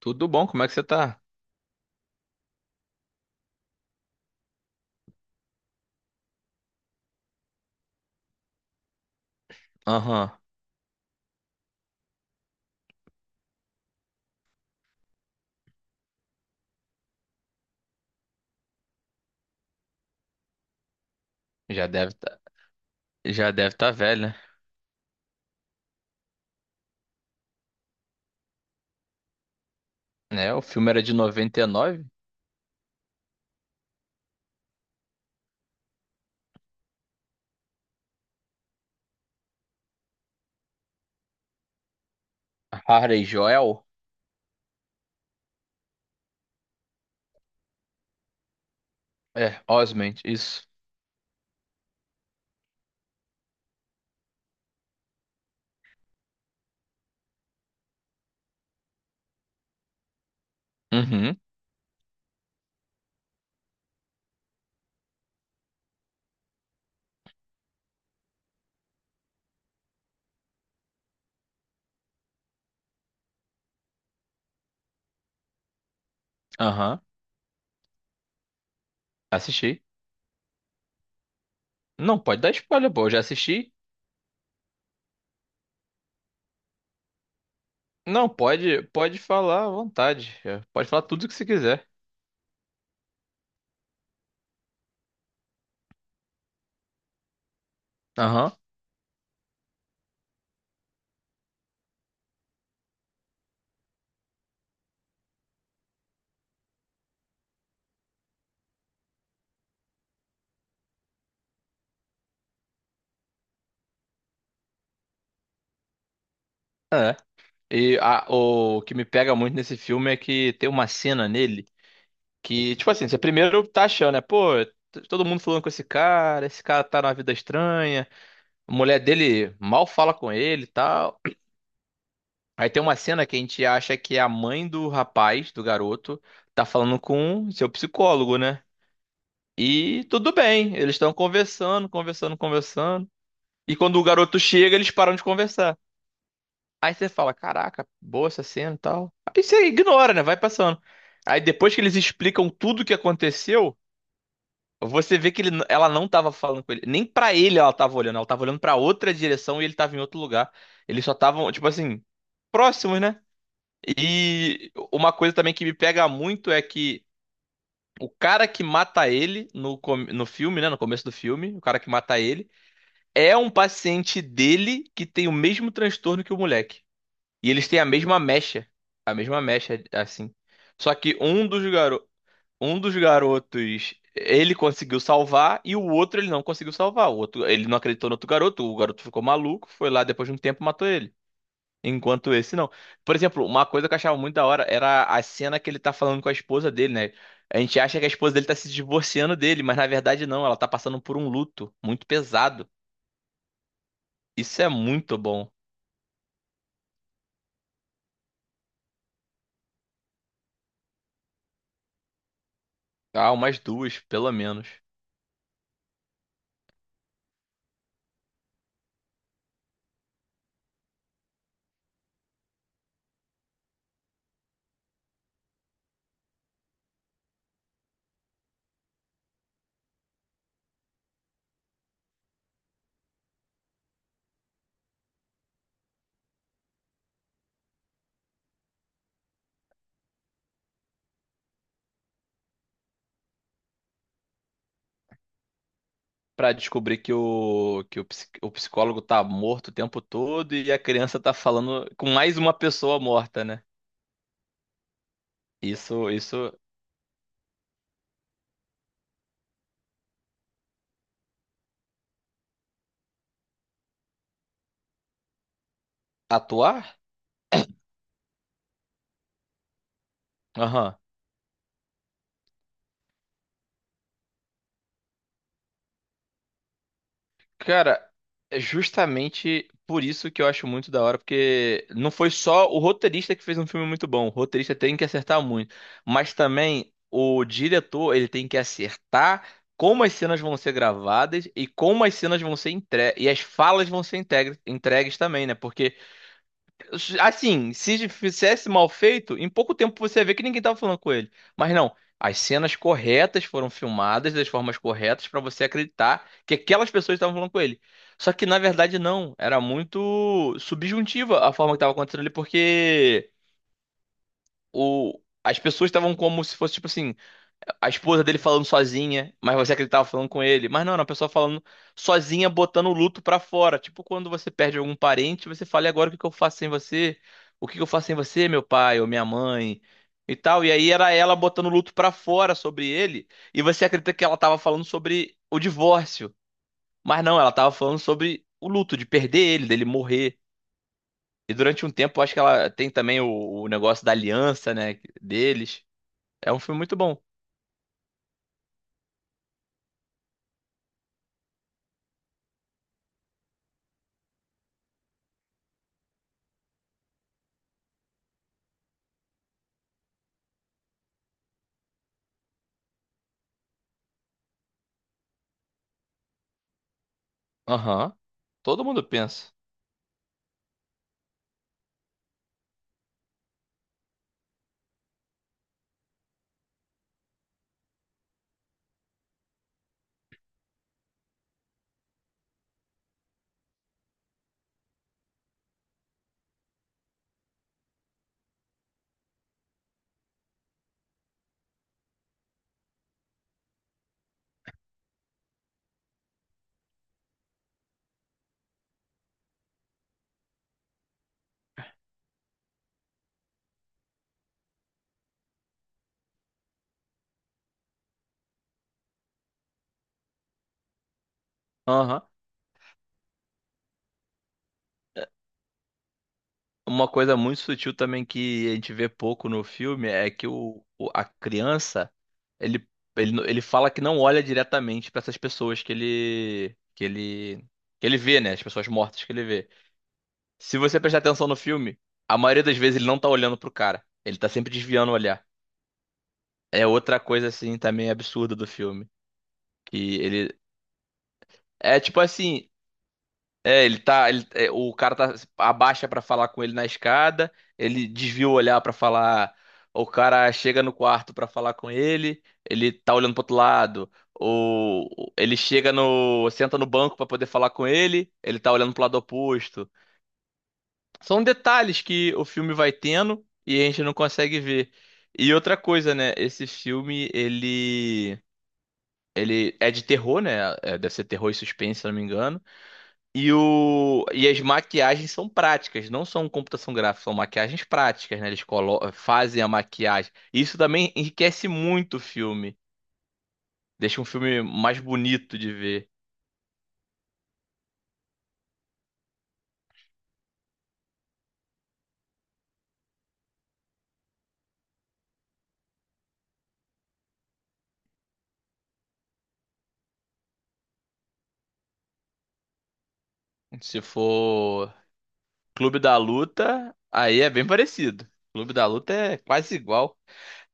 Tudo bom, como é que você tá? Aham. Já deve tá, já deve tá velho, né? Né, o filme era de 99. Harry Joel? É, Osment, isso. Uhum. Aham. Assisti. Não, pode dar spoiler, pô, eu já assisti. Não, pode, pode falar à vontade. Pode falar tudo o que você quiser. Aham. É. O que me pega muito nesse filme é que tem uma cena nele que, tipo assim, você primeiro tá achando, né? Pô, todo mundo falando com esse cara tá numa vida estranha. A mulher dele mal fala com ele e tal. Aí tem uma cena que a gente acha que é a mãe do rapaz, do garoto, tá falando com seu psicólogo, né? E tudo bem, eles estão conversando, conversando, conversando. E quando o garoto chega, eles param de conversar. Aí você fala, caraca, boa essa cena e tal. Aí você ignora, né? Vai passando. Aí depois que eles explicam tudo o que aconteceu, você vê que ele, ela não tava falando com ele. Nem pra ele ela tava olhando. Ela tava olhando pra outra direção e ele tava em outro lugar. Eles só estavam, tipo assim, próximos, né? E uma coisa também que me pega muito é que o cara que mata ele no filme, né? No começo do filme, o cara que mata ele é um paciente dele que tem o mesmo transtorno que o moleque. E eles têm a mesma mecha. A mesma mecha, assim. Só que um dos garotos ele conseguiu salvar e o outro ele não conseguiu salvar. O outro, ele não acreditou no outro garoto, o garoto ficou maluco, foi lá depois de um tempo e matou ele. Enquanto esse não. Por exemplo, uma coisa que eu achava muito da hora era a cena que ele tá falando com a esposa dele, né? A gente acha que a esposa dele tá se divorciando dele, mas na verdade não, ela tá passando por um luto muito pesado. Isso é muito bom. Ah, umas duas, pelo menos. Pra descobrir que o psicólogo tá morto o tempo todo e a criança tá falando com mais uma pessoa morta, né? Isso, isso. Atuar? Aham. Cara, é justamente por isso que eu acho muito da hora, porque não foi só o roteirista que fez um filme muito bom. O roteirista tem que acertar muito, mas também o diretor, ele tem que acertar como as cenas vão ser gravadas e como as cenas vão ser entregues e as falas vão ser entregues também, né? Porque assim, se fizesse mal feito, em pouco tempo você ia ver que ninguém tava falando com ele. Mas não, as cenas corretas foram filmadas das formas corretas pra você acreditar que aquelas pessoas estavam falando com ele. Só que na verdade não, era muito subjuntiva a forma que tava acontecendo ali, porque as pessoas estavam como se fosse tipo assim, a esposa dele falando sozinha, mas você acreditava falando com ele. Mas não, era uma pessoa falando sozinha, botando o luto pra fora. Tipo quando você perde algum parente, você fala, e agora o que que eu faço sem você? O que que eu faço sem você, meu pai ou minha mãe? E tal. E aí era ela botando o luto pra fora sobre ele, e você acredita que ela tava falando sobre o divórcio. Mas não, ela tava falando sobre o luto de perder ele, dele morrer. E durante um tempo, eu acho que ela tem também o negócio da aliança, né, deles. É um filme muito bom. Aham. Todo mundo pensa. Aham. Uma coisa muito sutil também que a gente vê pouco no filme é que a criança ele, ele fala que não olha diretamente para essas pessoas que ele que ele que ele vê, né? As pessoas mortas que ele vê. Se você prestar atenção no filme, a maioria das vezes ele não tá olhando pro cara. Ele tá sempre desviando o olhar. É outra coisa assim também absurda do filme, que ele é tipo assim, é, ele tá, é, o cara tá abaixa pra falar com ele na escada, ele desvia o olhar pra falar, o cara chega no quarto pra falar com ele, ele tá olhando pro outro lado, ou ele chega no, senta no banco pra poder falar com ele, ele tá olhando pro lado oposto. São detalhes que o filme vai tendo e a gente não consegue ver. E outra coisa, né, esse filme ele é de terror, né? É, deve ser terror e suspense, se eu não me engano. E, e as maquiagens são práticas, não são computação gráfica, são maquiagens práticas, né? Eles fazem a maquiagem. Isso também enriquece muito o filme. Deixa um filme mais bonito de ver. Se for Clube da Luta, aí é bem parecido. Clube da Luta é quase igual.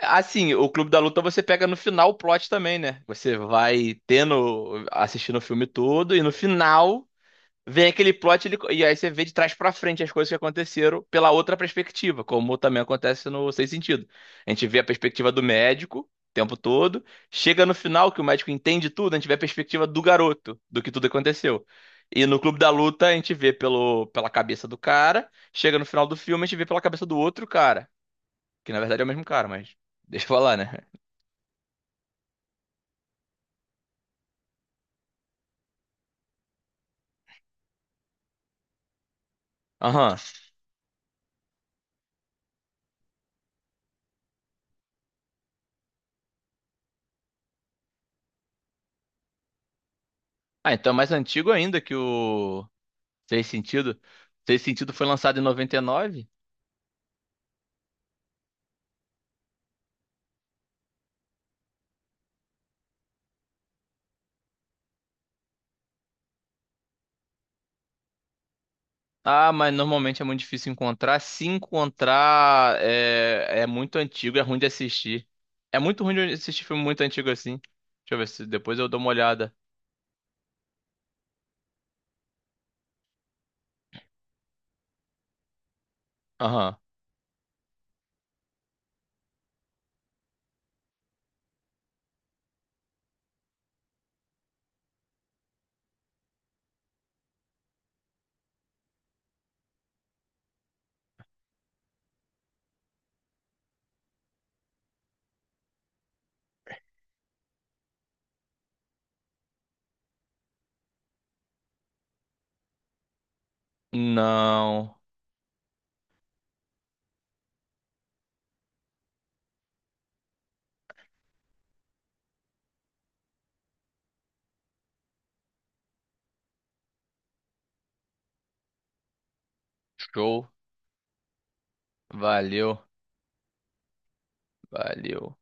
Assim, o Clube da Luta você pega no final o plot também, né? Você vai tendo, assistindo o filme todo e no final vem aquele plot e aí você vê de trás pra frente as coisas que aconteceram pela outra perspectiva, como também acontece no Sem Sentido. A gente vê a perspectiva do médico o tempo todo, chega no final que o médico entende tudo, a gente vê a perspectiva do garoto, do que tudo aconteceu. E no Clube da Luta a gente vê pela cabeça do cara, chega no final do filme a gente vê pela cabeça do outro cara, que na verdade é o mesmo cara, mas deixa eu falar, né? Aham. Ah, então é mais antigo ainda que o Sem Sentido. Sem Sentido foi lançado em 99. Ah, mas normalmente é muito difícil encontrar. Se encontrar, é, é muito antigo, é ruim de assistir. É muito ruim de assistir filme muito antigo assim. Deixa eu ver se depois eu dou uma olhada. Aham. Não. Show. Valeu. Valeu.